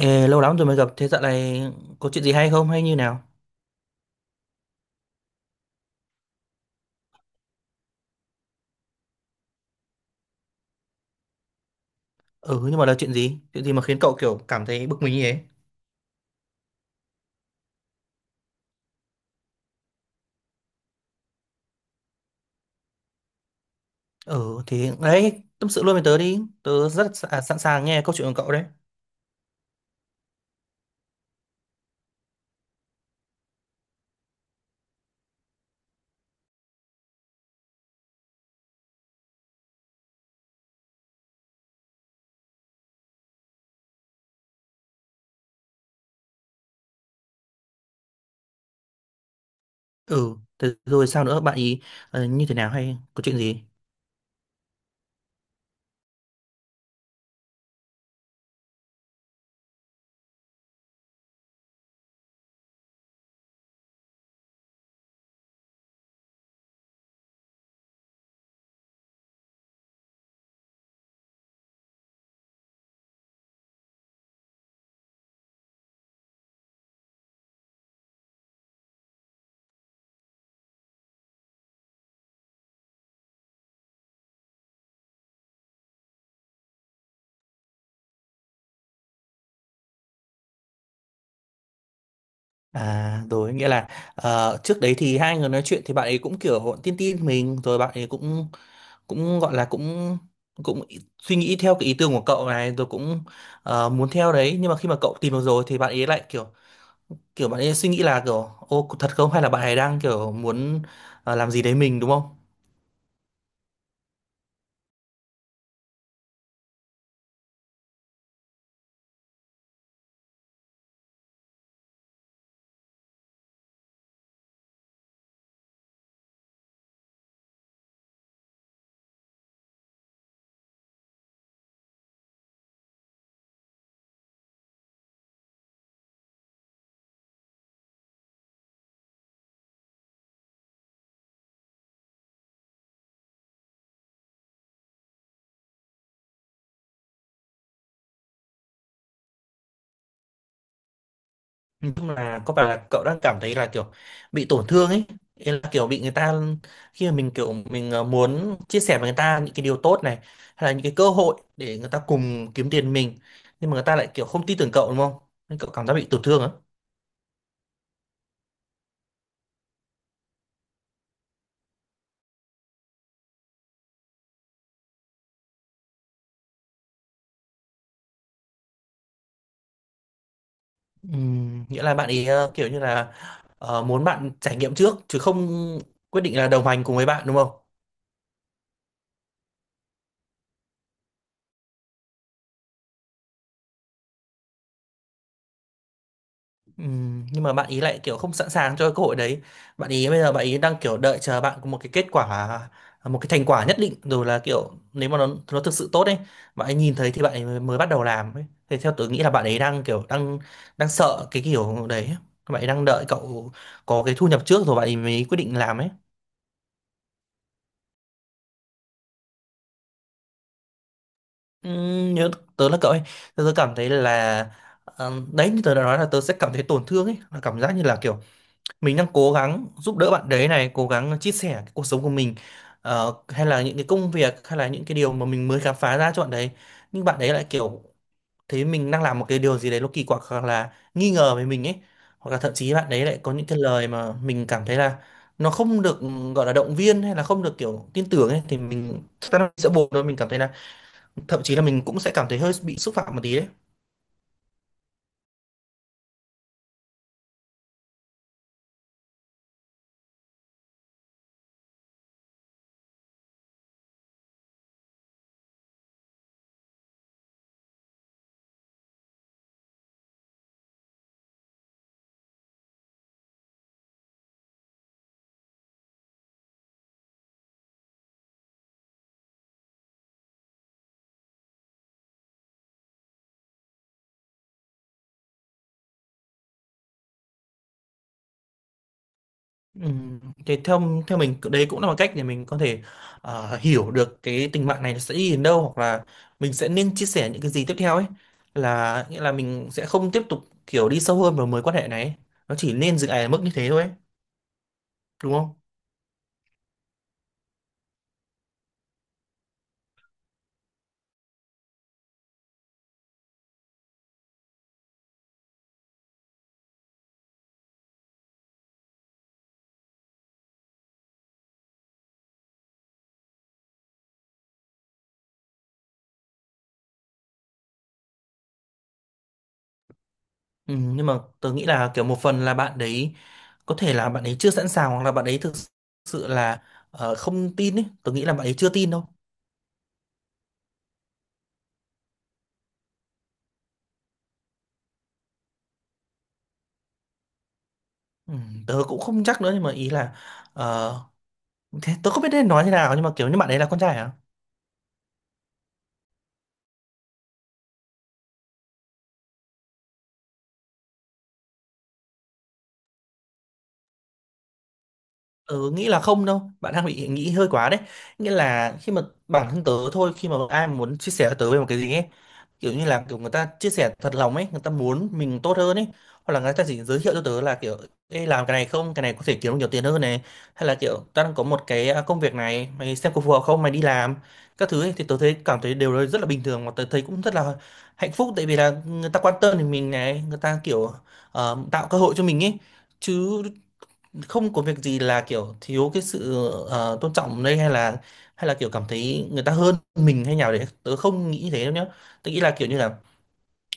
Ê, lâu lắm rồi mới gặp, thế dạo này có chuyện gì hay không hay như nào? Ừ, nhưng mà là chuyện gì? Chuyện gì mà khiến cậu kiểu cảm thấy bực mình như thế? Ừ, thì đấy, tâm sự luôn với tớ đi, tớ rất sẵn sàng nghe câu chuyện của cậu đấy. Ừ, thế rồi sao nữa, bạn ý như thế nào hay có chuyện gì? À, rồi, nghĩa là trước đấy thì hai người nói chuyện thì bạn ấy cũng kiểu tin tin mình, rồi bạn ấy cũng cũng gọi là cũng cũng ý- suy nghĩ theo cái ý tưởng của cậu này, rồi cũng muốn theo đấy, nhưng mà khi mà cậu tìm được rồi thì bạn ấy lại kiểu kiểu bạn ấy suy nghĩ là kiểu ô thật không hay là bạn ấy đang kiểu muốn làm gì đấy mình đúng không? Nói chung là có phải là cậu đang cảm thấy là kiểu bị tổn thương ấy? Ý là kiểu bị người ta khi mà mình kiểu mình muốn chia sẻ với người ta những cái điều tốt này hay là những cái cơ hội để người ta cùng kiếm tiền mình, nhưng mà người ta lại kiểu không tin tưởng cậu, đúng không? Nên cậu cảm giác bị tổn thương á. Nghĩa là bạn ấy kiểu như là muốn bạn trải nghiệm trước chứ không quyết định là đồng hành cùng với bạn đúng không? Ừ, nhưng mà bạn ý lại kiểu không sẵn sàng cho cơ hội đấy, bạn ý bây giờ bạn ý đang kiểu đợi chờ bạn có một cái kết quả, một cái thành quả nhất định rồi là kiểu nếu mà nó thực sự tốt ấy, bạn ấy nhìn thấy thì bạn ấy mới mới bắt đầu làm ấy, thì theo tôi nghĩ là bạn ấy đang kiểu đang đang sợ cái kiểu đấy, bạn ấy đang đợi cậu có cái thu nhập trước rồi bạn ấy mới quyết định làm ấy. Ừ, nhớ tớ là cậu ấy, tớ cảm thấy là đấy như tớ đã nói là tớ sẽ cảm thấy tổn thương ấy, là cảm giác như là kiểu mình đang cố gắng giúp đỡ bạn đấy này, cố gắng chia sẻ cái cuộc sống của mình, hay là những cái công việc hay là những cái điều mà mình mới khám phá ra cho bạn đấy, nhưng bạn đấy lại kiểu thấy mình đang làm một cái điều gì đấy nó kỳ quặc hoặc là nghi ngờ về mình ấy, hoặc là thậm chí bạn đấy lại có những cái lời mà mình cảm thấy là nó không được gọi là động viên hay là không được kiểu tin tưởng ấy, thì mình chắc chắn là mình sẽ buồn thôi, mình cảm thấy là thậm chí là mình cũng sẽ cảm thấy hơi bị xúc phạm một tí đấy. Ừ, thì theo theo mình đấy cũng là một cách để mình có thể hiểu được cái tình bạn này nó sẽ đi đến đâu hoặc là mình sẽ nên chia sẻ những cái gì tiếp theo ấy, là nghĩa là mình sẽ không tiếp tục kiểu đi sâu hơn vào mối quan hệ này ấy. Nó chỉ nên dừng lại ở mức như thế thôi ấy, đúng không? Ừ, nhưng mà tớ nghĩ là kiểu một phần là bạn đấy có thể là bạn ấy chưa sẵn sàng hoặc là bạn ấy thực sự là không tin ấy, tớ nghĩ là bạn ấy chưa tin đâu. Ừ, tớ cũng không chắc nữa nhưng mà ý là ờ, thế tớ không biết nên nói thế nào nhưng mà kiểu như bạn ấy là con trai à? Ừ, nghĩ là không đâu, bạn đang bị nghĩ hơi quá đấy, nghĩa là khi mà bản thân tớ thôi, khi mà ai muốn chia sẻ với tớ về một cái gì ấy, kiểu như là kiểu người ta chia sẻ thật lòng ấy, người ta muốn mình tốt hơn ấy, hoặc là người ta chỉ giới thiệu cho tớ là kiểu ê, làm cái này không, cái này có thể kiếm được nhiều tiền hơn này, hay là kiểu tao đang có một cái công việc này mày xem có phù hợp không mày đi làm các thứ ấy, thì tớ thấy cảm thấy đều rất là bình thường mà tớ thấy cũng rất là hạnh phúc tại vì là người ta quan tâm đến mình này, người ta kiểu tạo cơ hội cho mình ấy, chứ không có việc gì là kiểu thiếu cái sự tôn trọng đây hay là kiểu cảm thấy người ta hơn mình hay nào đấy, tớ không nghĩ thế đâu nhá. Tớ nghĩ là kiểu như là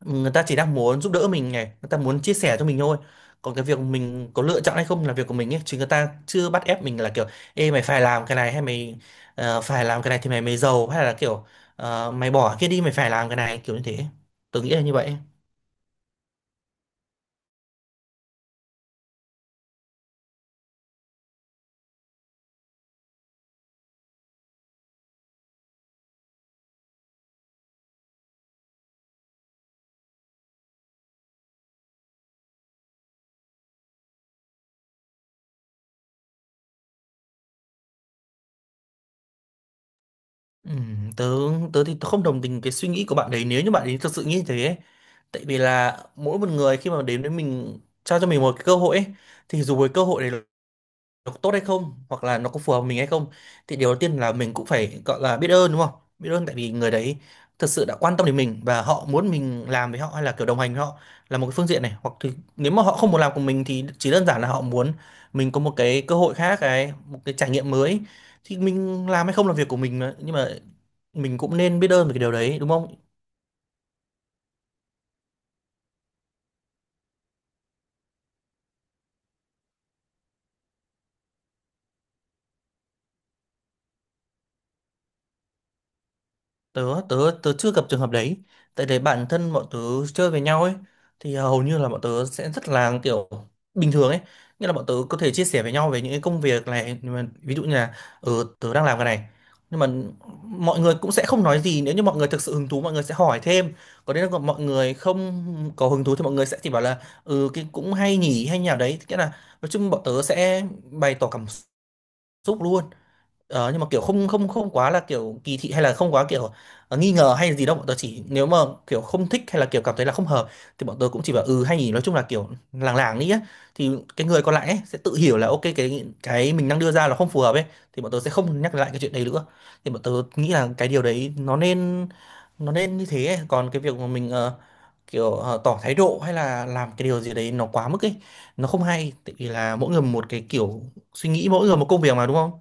người ta chỉ đang muốn giúp đỡ mình này, người ta muốn chia sẻ cho mình thôi, còn cái việc mình có lựa chọn hay không là việc của mình ấy, chứ người ta chưa bắt ép mình là kiểu ê mày phải làm cái này hay mày phải làm cái này thì mày mới giàu, hay là kiểu mày bỏ cái kia đi mày phải làm cái này kiểu như thế. Tớ nghĩ là như vậy. Tớ tớ thì tớ không đồng tình cái suy nghĩ của bạn đấy nếu như bạn ấy thực sự nghĩ thế ấy. Tại vì là mỗi một người khi mà đến với mình trao cho mình một cái cơ hội ấy, thì dù với cơ hội đấy nó có tốt hay không hoặc là nó có phù hợp với mình hay không, thì điều đầu tiên là mình cũng phải gọi là biết ơn đúng không? Biết ơn tại vì người đấy thật sự đã quan tâm đến mình và họ muốn mình làm với họ hay là kiểu đồng hành với họ là một cái phương diện này, hoặc thì nếu mà họ không muốn làm cùng mình thì chỉ đơn giản là họ muốn mình có một cái cơ hội khác, cái một cái trải nghiệm mới, thì mình làm hay không là việc của mình mà. Nhưng mà mình cũng nên biết ơn về cái điều đấy đúng không? Tớ tớ tớ chưa gặp trường hợp đấy, tại để bản thân bọn tớ chơi với nhau ấy, thì hầu như là bọn tớ sẽ rất là kiểu bình thường ấy, nghĩa là bọn tớ có thể chia sẻ với nhau về những cái công việc này nhưng mà ví dụ như là ừ, tớ đang làm cái này, nhưng mà mọi người cũng sẽ không nói gì, nếu như mọi người thực sự hứng thú mọi người sẽ hỏi thêm, còn nếu là mọi người không có hứng thú thì mọi người sẽ chỉ bảo là ừ cái cũng hay nhỉ đấy, nghĩa là nói chung bọn tớ sẽ bày tỏ cảm xúc luôn. Ờ, nhưng mà kiểu không không không quá là kiểu kỳ thị hay là không quá kiểu nghi ngờ hay gì đâu, bọn tớ chỉ nếu mà kiểu không thích hay là kiểu cảm thấy là không hợp thì bọn tớ cũng chỉ bảo ừ hay nhỉ, nói chung là kiểu làng làng đi á, thì cái người còn lại ấy sẽ tự hiểu là ok cái mình đang đưa ra là không phù hợp ấy, thì bọn tớ sẽ không nhắc lại cái chuyện đấy nữa, thì bọn tớ nghĩ là cái điều đấy nó nên như thế ấy. Còn cái việc mà mình kiểu tỏ thái độ hay là làm cái điều gì đấy nó quá mức ấy, nó không hay, tại vì là mỗi người một cái kiểu suy nghĩ mỗi người một công việc mà đúng không?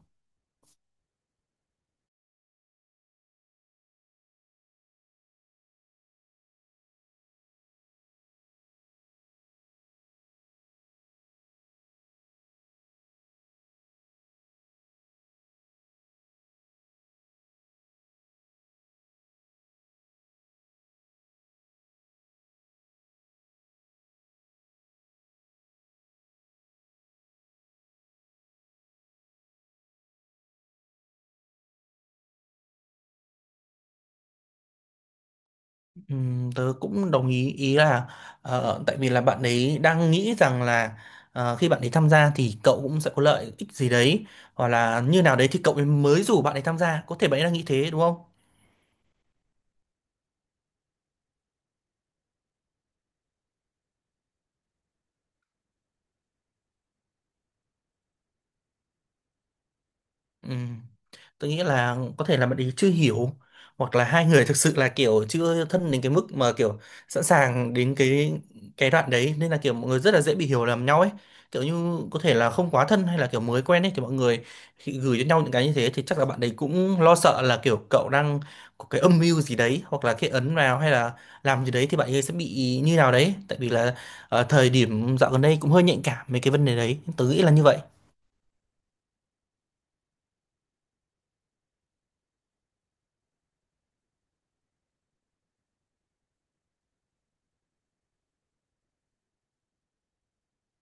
Tớ cũng đồng ý, ý là tại vì là bạn ấy đang nghĩ rằng là khi bạn ấy tham gia thì cậu cũng sẽ có lợi ích gì đấy hoặc là như nào đấy thì cậu ấy mới rủ bạn ấy tham gia, có thể bạn ấy đang nghĩ thế đúng không? Ừ. Tôi nghĩ là có thể là bạn ấy chưa hiểu hoặc là hai người thực sự là kiểu chưa thân đến cái mức mà kiểu sẵn sàng đến cái đoạn đấy, nên là kiểu mọi người rất là dễ bị hiểu lầm nhau ấy, kiểu như có thể là không quá thân hay là kiểu mới quen ấy thì mọi người khi gửi cho nhau những cái như thế thì chắc là bạn ấy cũng lo sợ là kiểu cậu đang có cái âm mưu gì đấy hoặc là cái ấn vào hay là làm gì đấy thì bạn ấy sẽ bị như nào đấy, tại vì là thời điểm dạo gần đây cũng hơi nhạy cảm mấy cái vấn đề đấy, tớ nghĩ là như vậy.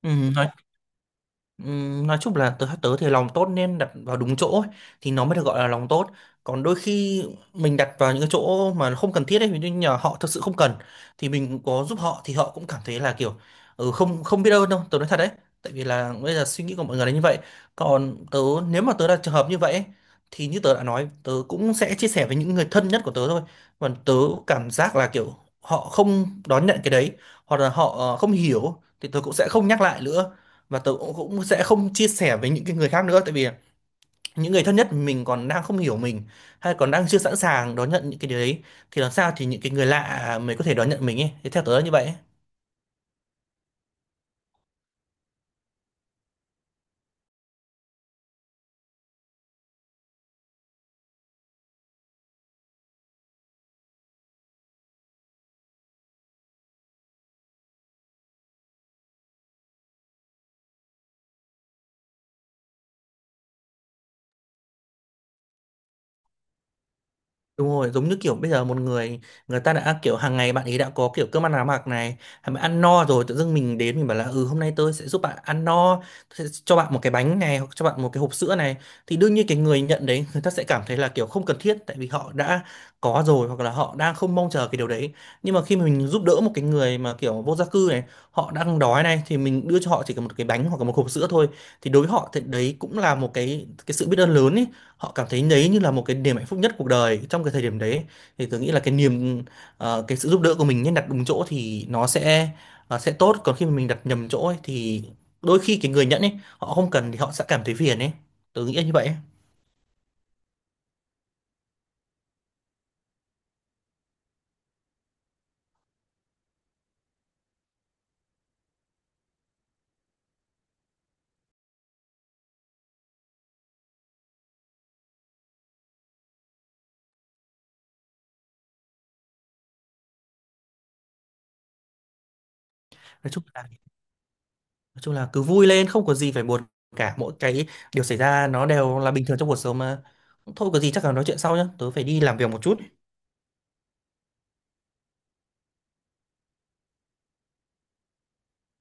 ừ, nói nói chung là tớ tớ thì lòng tốt nên đặt vào đúng chỗ ấy, thì nó mới được gọi là lòng tốt, còn đôi khi mình đặt vào những cái chỗ mà không cần thiết ấy, ví dụ như là họ thực sự không cần thì mình có giúp họ thì họ cũng cảm thấy là kiểu ừ, không không biết ơn đâu, tớ nói thật đấy, tại vì là bây giờ suy nghĩ của mọi người là như vậy. Còn tớ, nếu mà tớ là trường hợp như vậy ấy, thì như tớ đã nói tớ cũng sẽ chia sẻ với những người thân nhất của tớ thôi, còn tớ cảm giác là kiểu họ không đón nhận cái đấy hoặc là họ không hiểu thì tớ cũng sẽ không nhắc lại nữa, và tớ cũng cũng sẽ không chia sẻ với những cái người khác nữa, tại vì những người thân nhất mình còn đang không hiểu mình hay còn đang chưa sẵn sàng đón nhận những cái điều đấy, thì làm sao thì những cái người lạ mới có thể đón nhận mình ấy, thì theo tớ là như vậy. Đúng rồi, giống như kiểu bây giờ một người người ta đã kiểu hàng ngày bạn ấy đã có kiểu cơm ăn áo mặc này, bạn ăn no rồi tự dưng mình đến mình bảo là ừ hôm nay tôi sẽ giúp bạn ăn no, tôi sẽ cho bạn một cái bánh này hoặc cho bạn một cái hộp sữa này, thì đương nhiên cái người nhận đấy người ta sẽ cảm thấy là kiểu không cần thiết, tại vì họ đã có rồi hoặc là họ đang không mong chờ cái điều đấy. Nhưng mà khi mà mình giúp đỡ một cái người mà kiểu vô gia cư này, họ đang đói này thì mình đưa cho họ chỉ cần một cái bánh hoặc là một hộp sữa thôi, thì đối với họ thì đấy cũng là một cái sự biết ơn lớn ấy, họ cảm thấy đấy như là một cái niềm hạnh phúc nhất cuộc đời trong cái thời điểm đấy. Thì tôi nghĩ là cái niềm cái sự giúp đỡ của mình nên đặt đúng chỗ thì nó sẽ sẽ tốt, còn khi mà mình đặt nhầm chỗ ấy, thì đôi khi cái người nhận ấy họ không cần thì họ sẽ cảm thấy phiền ấy, tôi nghĩ là như vậy ấy. nói chung là nói chung là cứ vui lên, không có gì phải buồn cả, mỗi cái điều xảy ra nó đều là bình thường trong cuộc sống mà, thôi có gì chắc là nói chuyện sau nhá, tớ phải đi làm việc một chút.